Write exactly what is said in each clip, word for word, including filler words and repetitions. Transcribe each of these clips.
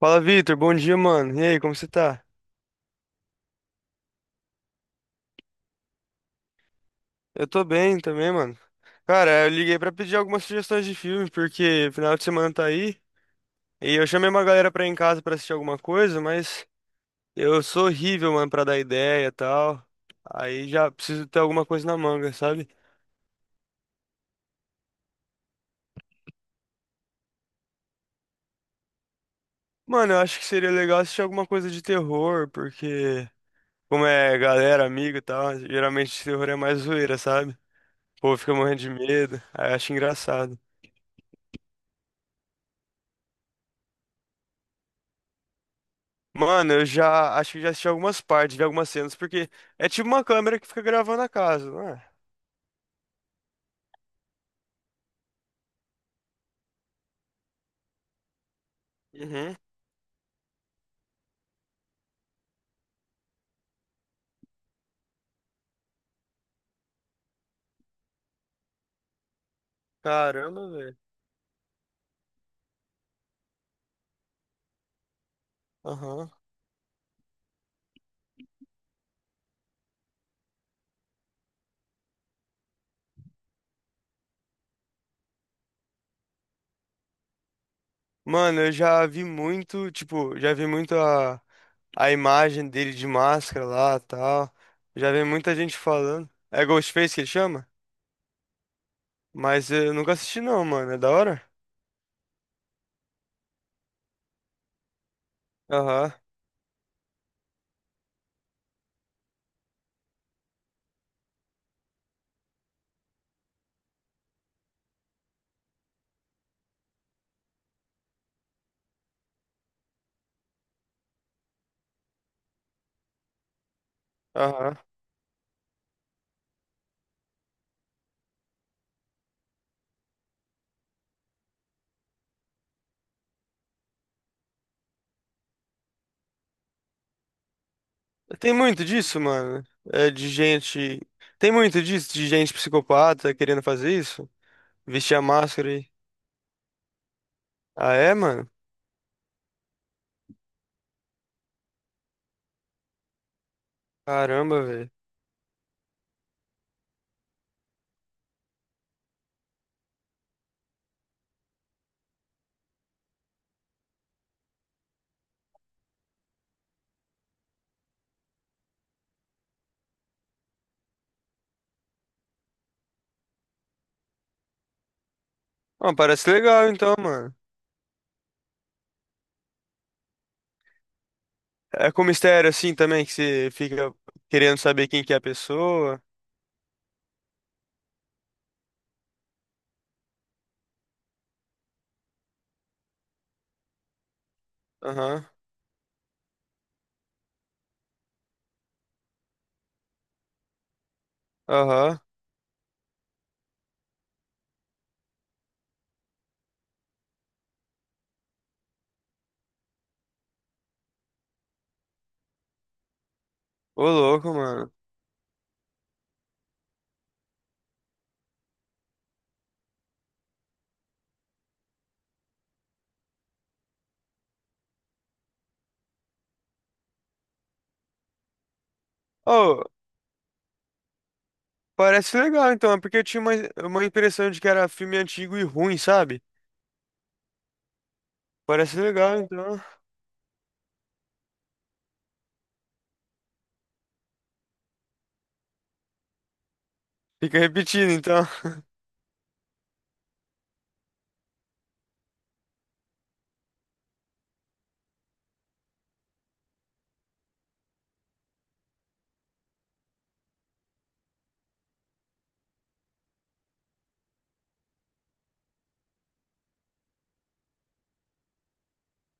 Fala, Vitor. Bom dia, mano. E aí, como você tá? Eu tô bem também, mano. Cara, eu liguei pra pedir algumas sugestões de filme, porque final de semana tá aí. E eu chamei uma galera pra ir em casa pra assistir alguma coisa, mas eu sou horrível, mano, pra dar ideia e tal. Aí já preciso ter alguma coisa na manga, sabe? Mano, eu acho que seria legal assistir alguma coisa de terror, porque, como é galera, amigo e tal, geralmente terror é mais zoeira, sabe? O povo fica morrendo de medo. Aí eu acho engraçado. Mano, eu já acho que já assisti algumas partes, vi algumas cenas, porque é tipo uma câmera que fica gravando a casa, não é? Uhum. Caramba, velho. Aham. Mano, eu já vi muito, tipo, já vi muito a, a imagem dele de máscara lá, tal. Já vi muita gente falando. É Ghostface que ele chama? Mas eu nunca assisti não, mano. É da hora? Aham, aham. Tem muito disso, mano. É de gente. Tem muito disso, de gente psicopata querendo fazer isso? Vestir a máscara aí. Ah, é, mano? Caramba, velho. Ah, parece legal então, mano. É com mistério assim também, que você fica querendo saber quem que é a pessoa. Aham, aham. Ô, louco, mano. Oh, parece legal então, é porque eu tinha uma, uma impressão de que era filme antigo e ruim, sabe? Parece legal então. Fica repetindo então.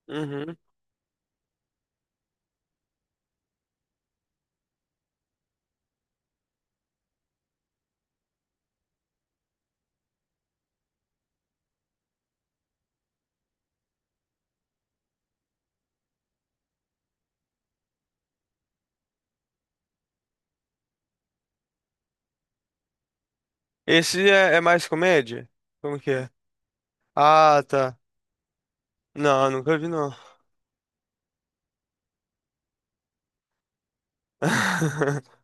Uhum. Esse é, é mais comédia? Como que é? Ah, tá. Não, nunca vi não.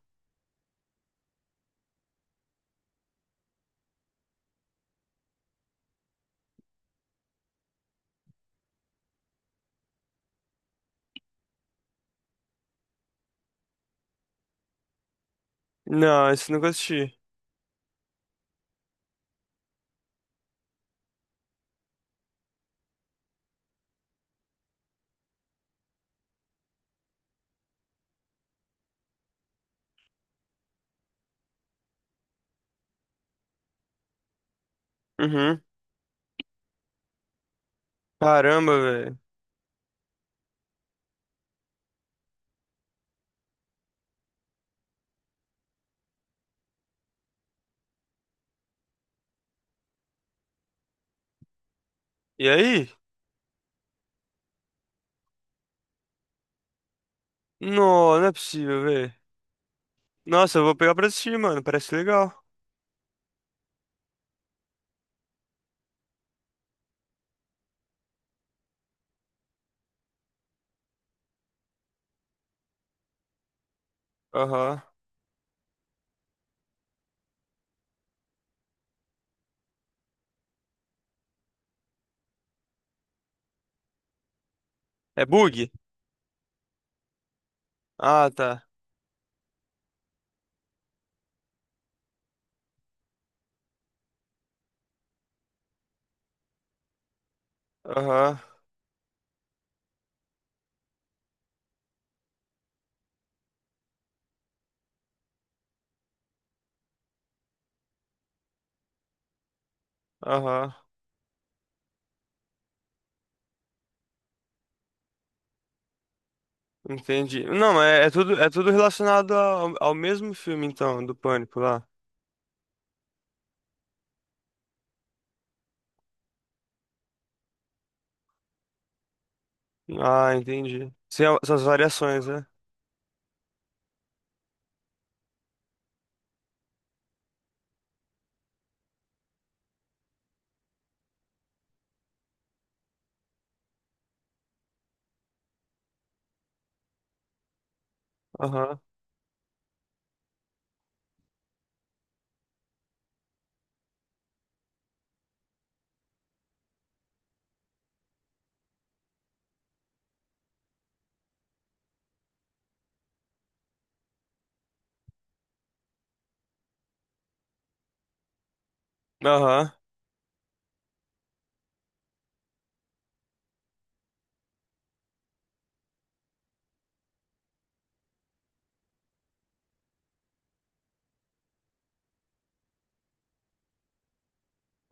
Não, esse nunca assisti. Uhum. Caramba, velho. E aí? Não, não é possível, velho. Nossa, eu vou pegar pra assistir, mano. Parece legal. Aham. É bug? Ah, tá. Aham. Aham. Entendi. Não, é, é tudo, é tudo relacionado ao, ao mesmo filme, então, do Pânico lá. Ah, entendi. Sem a- essas variações, né? Aham. Aham.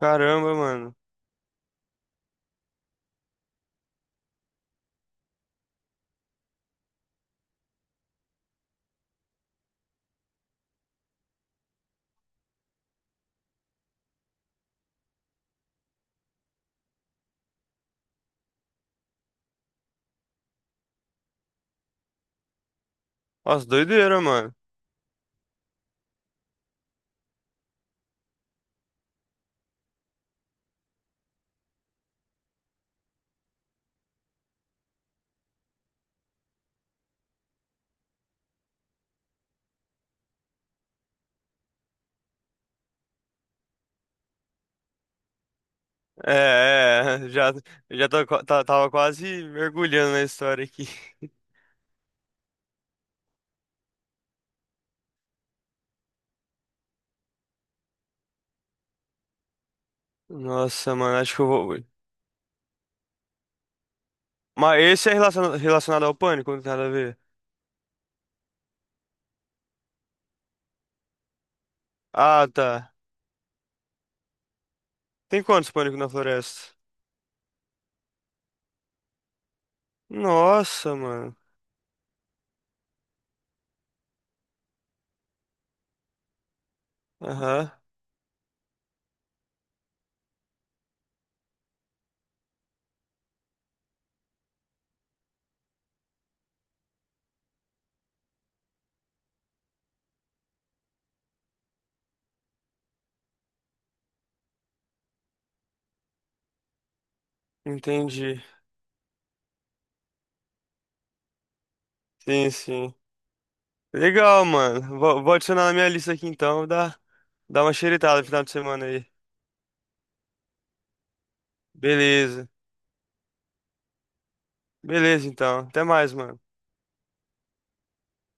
Caramba, mano. Nossa, doideira, mano. É, é, já, já tô, qua- tá- tava quase mergulhando na história aqui. Nossa, mano, acho que eu vou. Mas esse é relaciona- relacionado ao pânico, não tem nada a ver. Ah, tá. Tem quantos pânico na floresta? Nossa, mano. Aham, entendi. Sim, sim. Legal, mano. Vou, vou adicionar na minha lista aqui então. Dá, dá uma xeritada no final de semana aí. Beleza. Beleza, então. Até mais, mano.